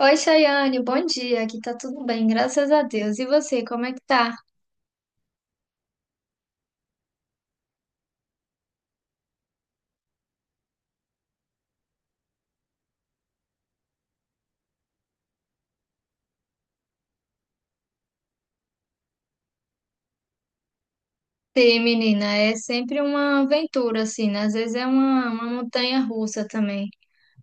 Oi, Chayane, bom dia. Aqui tá tudo bem, graças a Deus. E você, como é que tá? Sim, menina, é sempre uma aventura, assim, né? Às vezes é uma montanha russa também.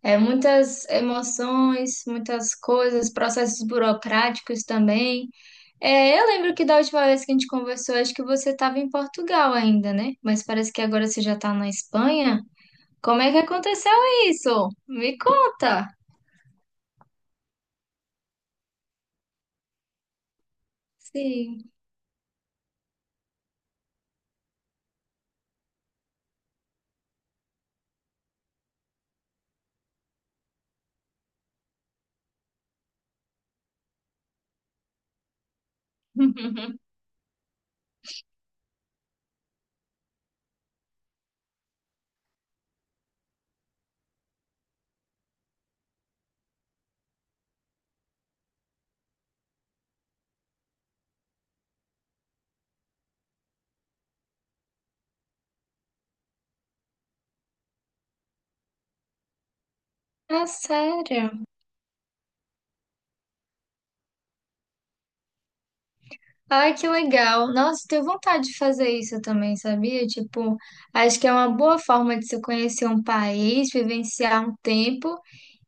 É muitas emoções, muitas coisas, processos burocráticos também. É, eu lembro que da última vez que a gente conversou, acho que você estava em Portugal ainda, né? Mas parece que agora você já tá na Espanha. Como é que aconteceu isso? Me conta. Sim. Ah, sério? Ai, que legal. Nossa, tenho vontade de fazer isso também, sabia? Tipo, acho que é uma boa forma de se conhecer um país, vivenciar um tempo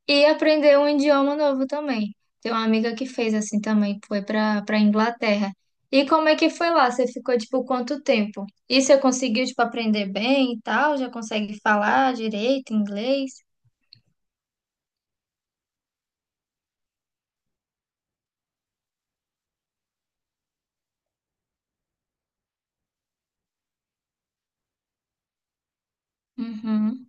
e aprender um idioma novo também. Tem uma amiga que fez assim também, foi para Inglaterra. E como é que foi lá? Você ficou, tipo, quanto tempo? E você conseguiu, tipo, aprender bem e tal? Já consegue falar direito inglês? Uhum.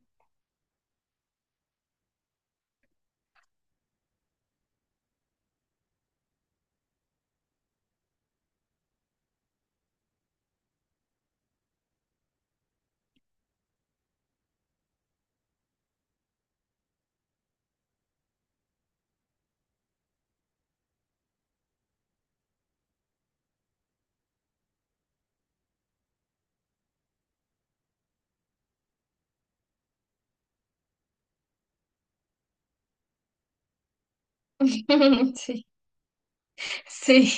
Sim. Sim.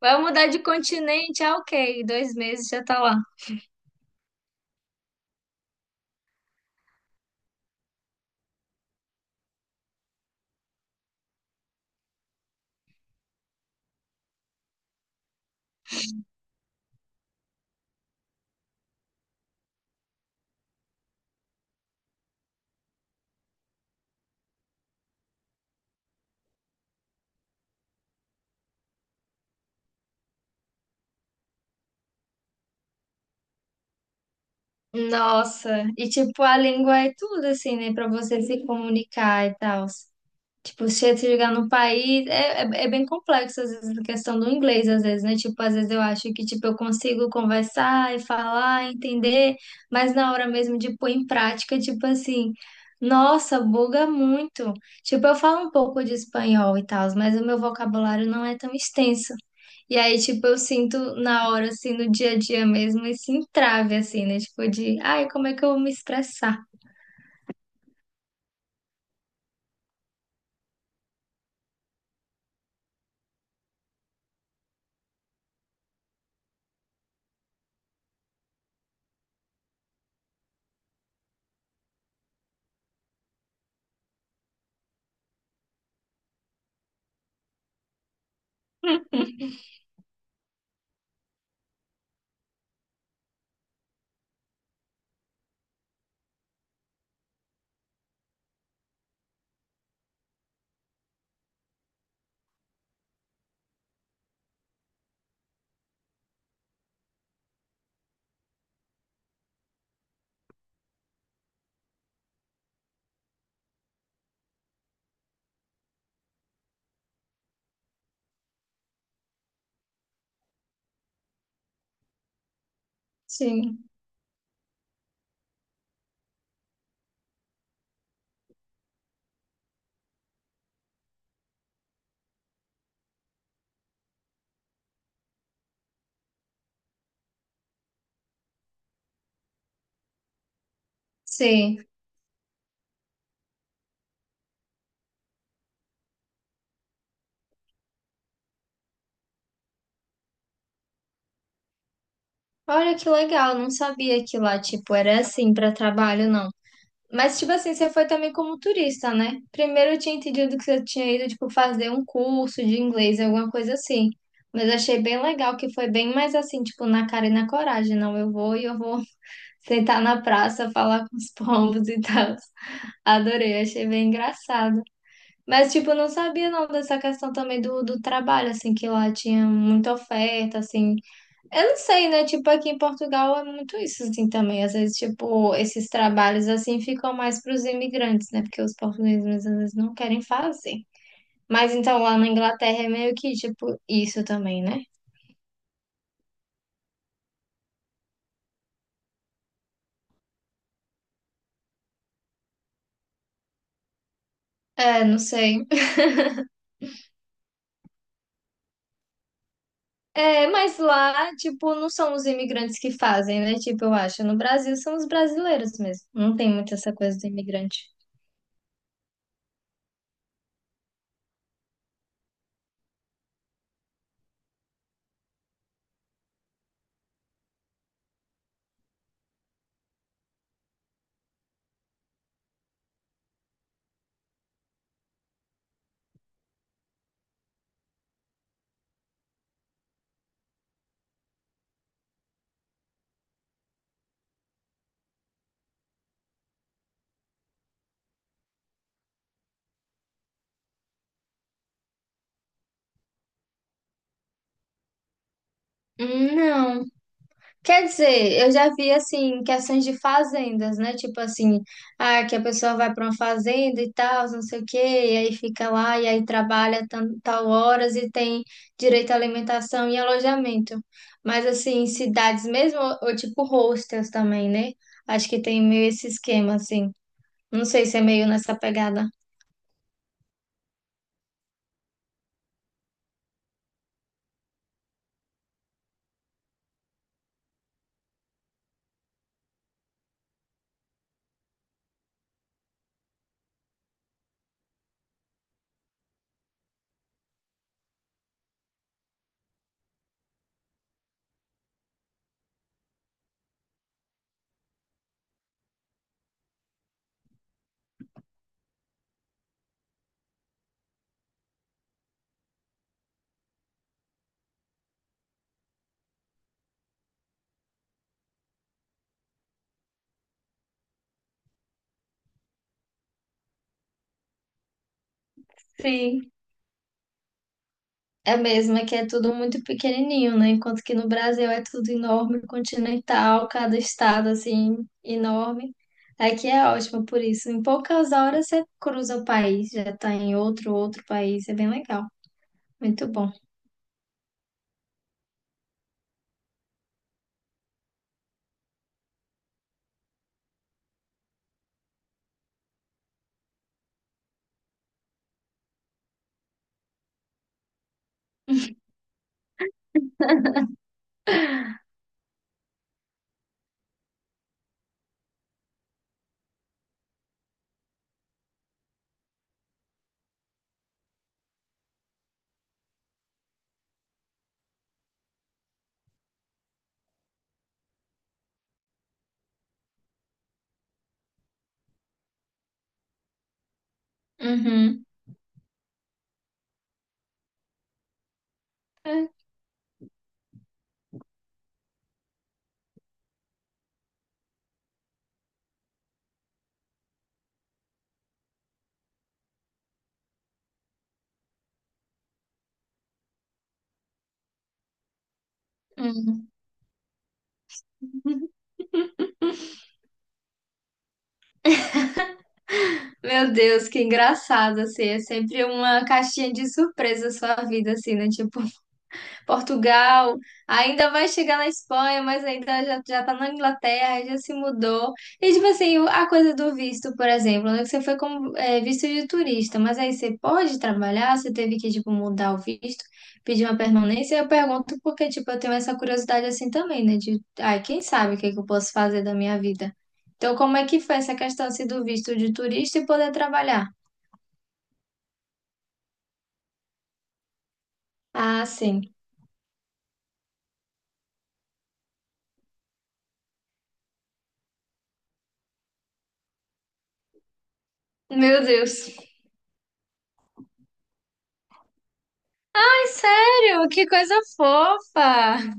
Vai mudar de continente, ah, ok. Dois meses já tá lá. Nossa, e tipo, a língua é tudo, assim, né, pra você se comunicar e tal. Tipo, se você chegar no país, é bem complexo, às vezes, a questão do inglês, às vezes, né? Tipo, às vezes eu acho que, tipo, eu consigo conversar e falar, entender, mas na hora mesmo de pôr em prática, tipo assim, nossa, buga muito. Tipo, eu falo um pouco de espanhol e tal, mas o meu vocabulário não é tão extenso. E aí, tipo, eu sinto na hora, assim, no dia a dia mesmo, esse entrave, assim, né? Tipo, de, ai, como é que eu vou me expressar? Sim, sim. Olha que legal, não sabia que lá, tipo, era assim para trabalho, não. Mas, tipo assim, você foi também como turista, né? Primeiro eu tinha entendido que você tinha ido, tipo, fazer um curso de inglês, alguma coisa assim. Mas achei bem legal que foi bem mais assim, tipo, na cara e na coragem. Não, eu vou e eu vou sentar na praça, falar com os pombos e tal. Adorei, achei bem engraçado. Mas, tipo, eu não sabia não dessa questão também do trabalho, assim, que lá tinha muita oferta, assim. Eu não sei, né? Tipo, aqui em Portugal é muito isso, assim, também. Às vezes, tipo, esses trabalhos, assim, ficam mais para os imigrantes, né? Porque os portugueses, às vezes, não querem fazer. Mas, então, lá na Inglaterra é meio que, tipo, isso também, né? É, não sei. É, mas lá, tipo, não são os imigrantes que fazem, né? Tipo, eu acho. No Brasil são os brasileiros mesmo. Não tem muito essa coisa do imigrante. Não. Quer dizer, eu já vi assim questões de fazendas, né? Tipo assim, ah, que a pessoa vai para uma fazenda e tal, não sei o quê, e aí fica lá e aí trabalha tal horas e tem direito à alimentação e alojamento. Mas assim, em cidades mesmo, ou tipo hostels também, né? Acho que tem meio esse esquema assim. Não sei se é meio nessa pegada. Sim. É mesmo, é que é tudo muito pequenininho, né? Enquanto que no Brasil é tudo enorme, continental, cada estado assim enorme. Aqui é ótimo por isso. Em poucas horas você cruza o país, já tá em outro país, é bem legal. Muito bom. Uhum. É, uhum. Meu Deus, que engraçado assim, é sempre uma caixinha de surpresa a sua vida assim, né? Tipo Portugal, ainda vai chegar na Espanha, mas ainda já tá na Inglaterra, já se mudou. E tipo assim, a coisa do visto, por exemplo, né, que você foi como é, visto de turista, mas aí você pode trabalhar, você teve que tipo mudar o visto, pedir uma permanência. Eu pergunto porque tipo eu tenho essa curiosidade assim também, né? De, ai, quem sabe o que que eu posso fazer da minha vida? Então, como é que foi essa questão assim, do visto de turista e poder trabalhar? Ah, sim. Meu Deus. Ai, sério? Que coisa fofa!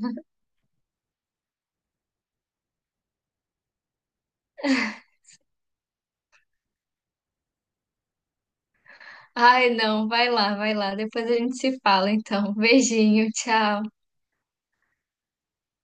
Ai, não, vai lá, vai lá. Depois a gente se fala, então. Beijinho, tchau.